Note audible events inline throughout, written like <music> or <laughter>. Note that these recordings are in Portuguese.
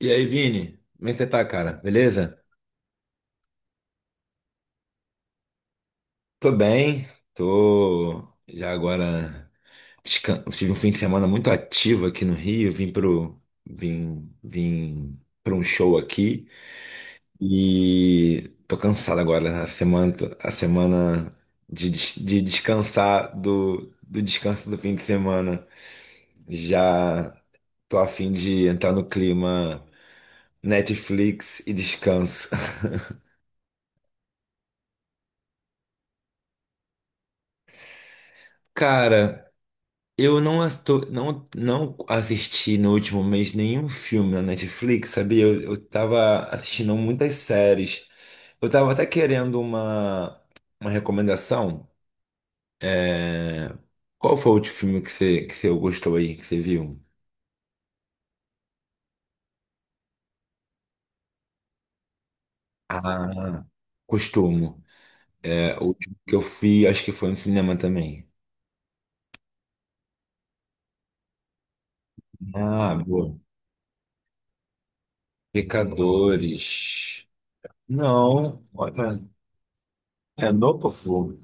E aí, Vini, como é que você tá, cara? Beleza? Tô bem, tô já agora. Tive um fim de semana muito ativo aqui no Rio, vim pra um show aqui e tô cansado agora. A semana de descansar do descanso do fim de semana. Já tô a fim de entrar no clima Netflix e descanso. <laughs> Cara. Eu não, asto- não, não assisti no último mês nenhum filme na Netflix, sabia? Eu tava assistindo muitas séries. Eu tava até querendo uma recomendação. É, Qual foi o último filme que você gostou aí, que você viu? Ah, costumo. É, o último que eu fui, acho que foi no cinema também. Ah, boa. Pecadores. Não, olha, é novo filme.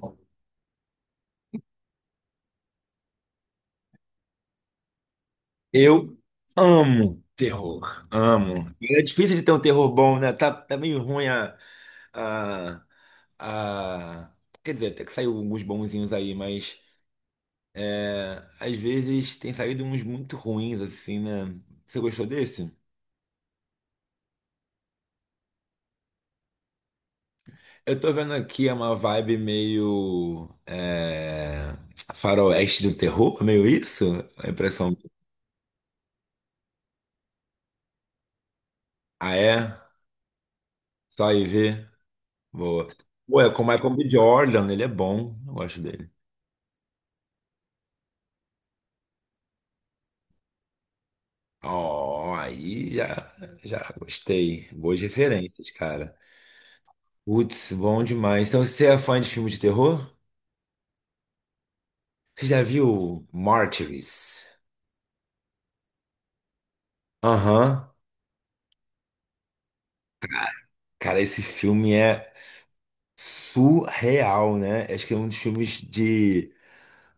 Eu amo terror, amo. E é difícil de ter um terror bom, né? Tá meio ruim a, a- quer dizer, até que saiu alguns bonzinhos aí, mas é, às vezes tem saído uns muito ruins, assim, né? Você gostou desse? Eu tô vendo aqui é uma vibe meio faroeste do terror, meio isso? A impressão. Ah, é? Só aí ver. Boa. Ué, com o Michael B. Jordan, ele é bom. Eu gosto dele. Ó, já gostei. Boas referências, cara. Putz, bom demais. Então, você é fã de filme de terror? Você já viu Martyrs? Aham. Cara, esse filme é surreal, né? Acho que é um dos filmes de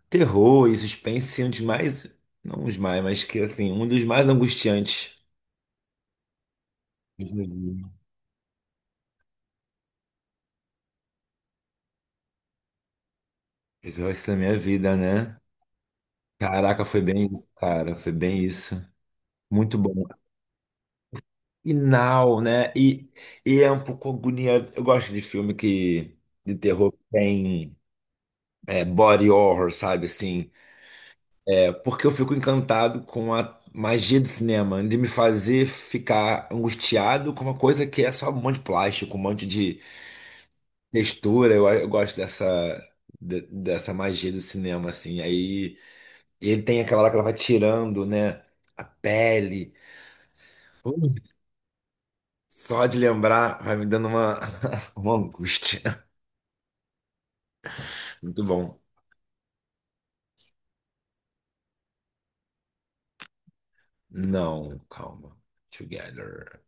terror e suspense, assim, um dos mais. Não os mais, mas que assim, um dos mais angustiantes que eu vi. Que eu minha vida, né? Caraca, foi bem isso, cara. Foi bem isso. Muito bom. E Now, né? E é um pouco agoniante. Eu gosto de filme que de terror que tem body horror, sabe? Assim, é porque eu fico encantado com a magia do cinema, de me fazer ficar angustiado com uma coisa que é só um monte de plástico, um monte de textura. Eu gosto dessa dessa magia do cinema, assim. Aí ele tem aquela hora que ela vai tirando, né? A pele. Ui, só de lembrar vai me dando <laughs> uma angústia. Muito bom. Não, calma. Together.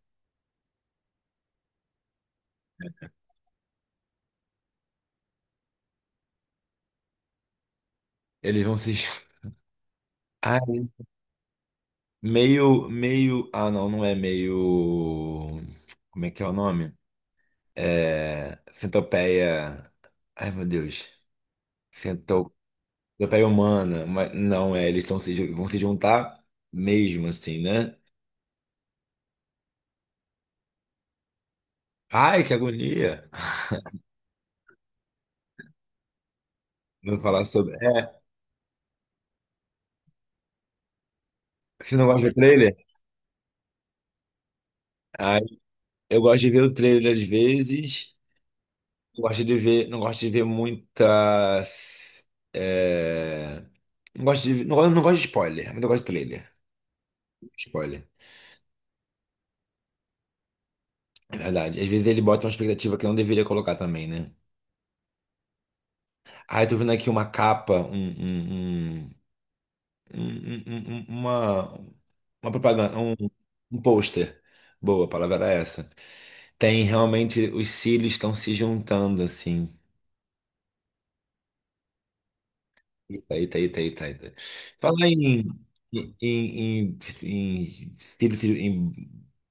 Eles vão se. Ch- Ai, meio, meio. Ah, não, não é meio. Como é que é o nome? É. Centopeia. Ai, meu Deus. Cento... Centopeia humana. Mas não, é. Eles estão se... ju- vão se juntar mesmo, assim, né? Ai, que agonia. Vou falar sobre. É. Você não gosta do trailer? Ai, eu gosto de ver o trailer às vezes. Não gosto de ver, não gosto de ver muitas. é, Não gosto de, não gosto de spoiler, mas eu gosto de trailer. Spoiler. É verdade. Às vezes ele bota uma expectativa que eu não deveria colocar também, né? Ah, eu tô vendo aqui uma capa, um- um- um- um, uma, uma propaganda, um pôster. Boa, a palavra era essa. Tem realmente, os cílios estão se juntando, assim. Eita, eita, eita, eita. Eita. Falar em, em, estilo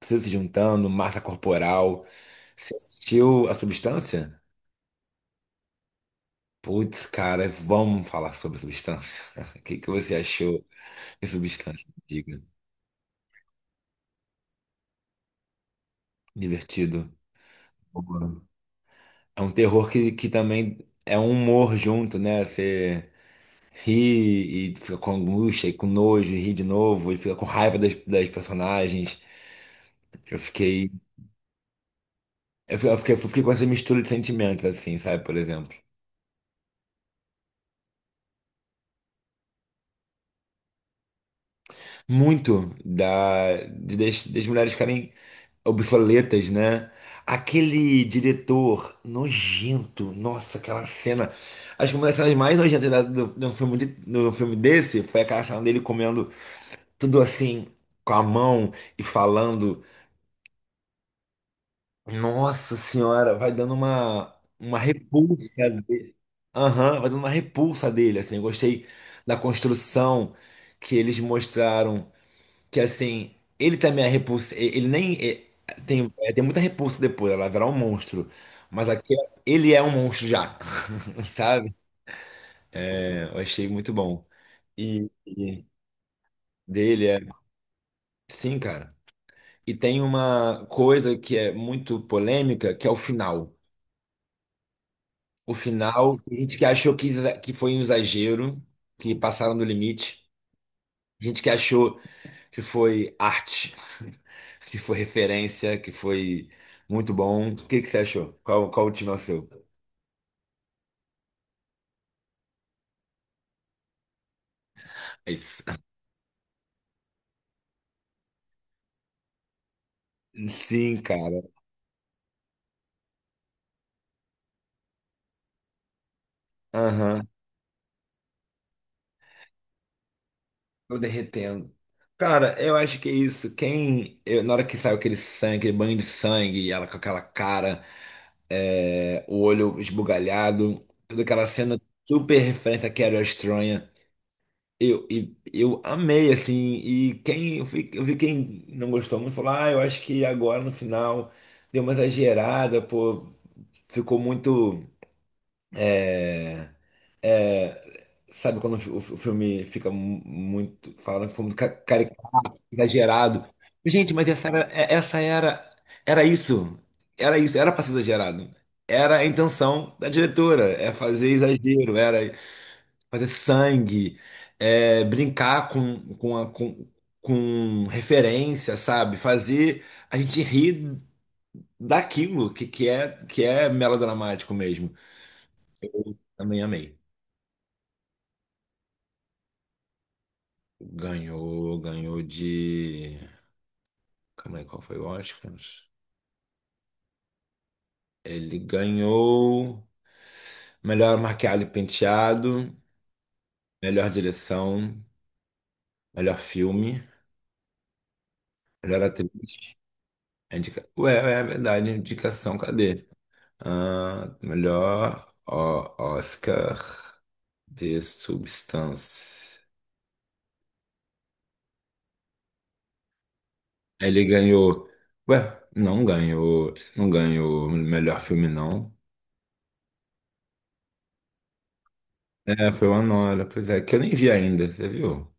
estilo se juntando, massa corporal. Você assistiu a Substância? Putz, cara, vamos falar sobre Substância. <laughs> Que você achou de Substância? Diga. Divertido. Boa. É um terror que também é um humor junto, né? Você ri e fica com angústia e com nojo, e ri de novo, e fica com raiva das personagens. Eu fiquei. Eu fiquei com essa mistura de sentimentos, assim, sabe? Por exemplo. Muito das mulheres ficarem obsoletas, né? Aquele diretor nojento, nossa, aquela cena. Acho que uma das cenas mais nojentas do filme do filme desse foi aquela cena dele comendo tudo assim, com a mão e falando. Nossa senhora, vai dando uma repulsa dele. Aham, vai dando uma repulsa dele, assim. Eu gostei da construção que eles mostraram, que assim, ele também é repulsa, ele nem é, tem muita repulsa depois, ela virar um monstro. Mas aqui ele é um monstro já, <laughs> sabe? É, eu achei muito bom. E dele é, sim, cara. E tem uma coisa que é muito polêmica, que é o final. O final, tem gente que achou que foi um exagero, que passaram do limite. Gente que achou que foi arte, <laughs> que foi referência, que foi muito bom. O que que você achou? Qual o time é o seu? É isso. Sim, cara. Aham. Tô derretendo. Cara, eu acho que é isso. Na hora que saiu aquele sangue, aquele banho de sangue, e ela com aquela cara, o olho esbugalhado, toda aquela cena super referência que era estranha. Eu amei, assim, e quem, eu vi quem não gostou muito falou, ah, eu acho que agora no final deu uma exagerada, pô, ficou muito, sabe quando o filme fica muito, falando que foi muito caricato, exagerado. Gente, mas essa era, é- essa era, era isso, era isso, era pra ser exagerado. Era a intenção da diretora, é fazer exagero, era, fazer sangue, é, brincar com referência, sabe? Fazer a gente rir daquilo que é melodramático mesmo. Também amei. Ganhou, ganhou de. Calma aí, qual foi o Oscar? Ele ganhou melhor maquiagem e penteado, melhor direção, melhor filme, melhor atriz. Ué, é verdade, indicação, cadê? Ah, melhor ó, Oscar de substância. Ele ganhou. Ué, não ganhou. Não ganhou melhor filme, não. É, foi o Anora. Pois é, que eu nem vi ainda, você viu?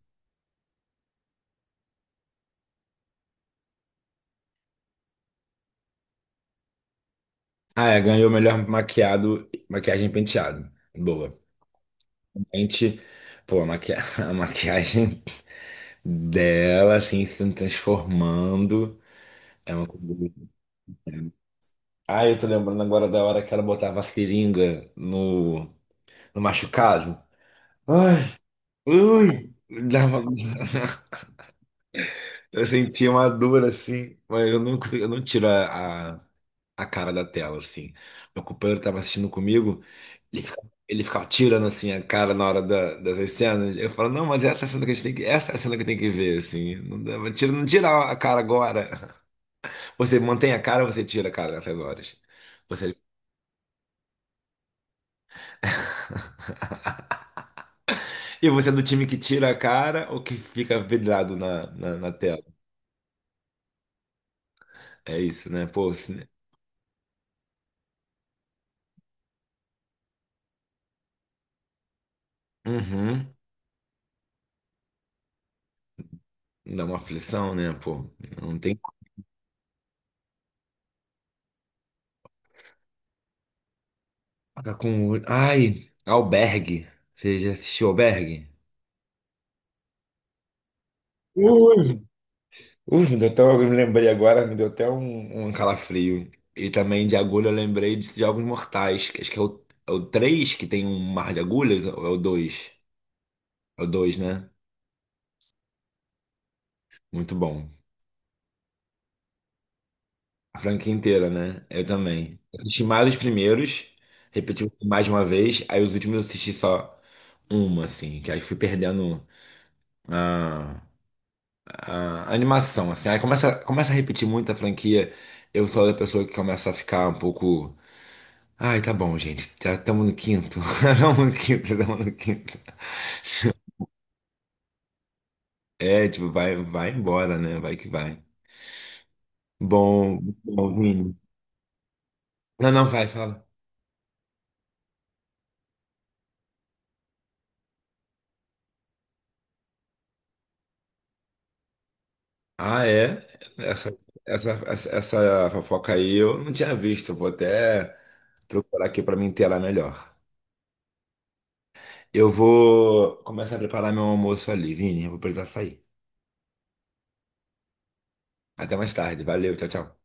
Ah, é, ganhou o melhor maquiado, maquiagem e penteado. Boa. Gente, pô, maqui... <laughs> a maquiagem dela, assim, se transformando. É uma coisa muito- Ah, eu tô lembrando agora da hora que ela botava a seringa no machucado. Ai, ui, dava- eu sentia uma dor assim, mas eu não tiro a cara da tela, assim. Meu companheiro estava assistindo comigo, ele ficava tirando assim a cara na hora dessas cenas. Eu falo, não, mas essa é a cena que a gente tem que, essa é a cena que tem que ver, assim. Não, não tira, não tira a cara agora. Você mantém a cara ou você tira a cara nessas horas? Você, e você é do time que tira a cara ou que fica vidrado na tela? É isso, né? Pô, cine- Uhum. Dá uma aflição, né, pô? Não tem como ai, Albergue. Você já assistiu Albergue? Ui, ui, me deu até, um, eu me lembrei agora, me deu até um calafrio. E também de agulha eu lembrei de Jogos Mortais. Que Acho que é é o 3 que tem um mar de agulhas, ou é o dois. É o 2, né? Muito bom. A franquia inteira, né? Eu também. Eu assisti mais os primeiros, repeti mais de uma vez, aí os últimos eu assisti só uma, assim, que aí fui perdendo. Ah. A animação, assim. Aí começa a repetir muito a franquia. Eu sou a pessoa que começa a ficar um pouco. Ai, tá bom, gente. Já estamos no quinto. <laughs> Estamos no quinto. É, tipo, vai embora, né? Vai que vai. Bom, bom, Vini. Não, não, vai, fala. Ah, é? Essa, essa, essa, essa fofoca aí eu não tinha visto. Eu vou até procurar aqui pra me inteirar melhor. Eu vou começar a preparar meu almoço ali, Vini. Eu vou precisar sair. Até mais tarde. Valeu, tchau, tchau.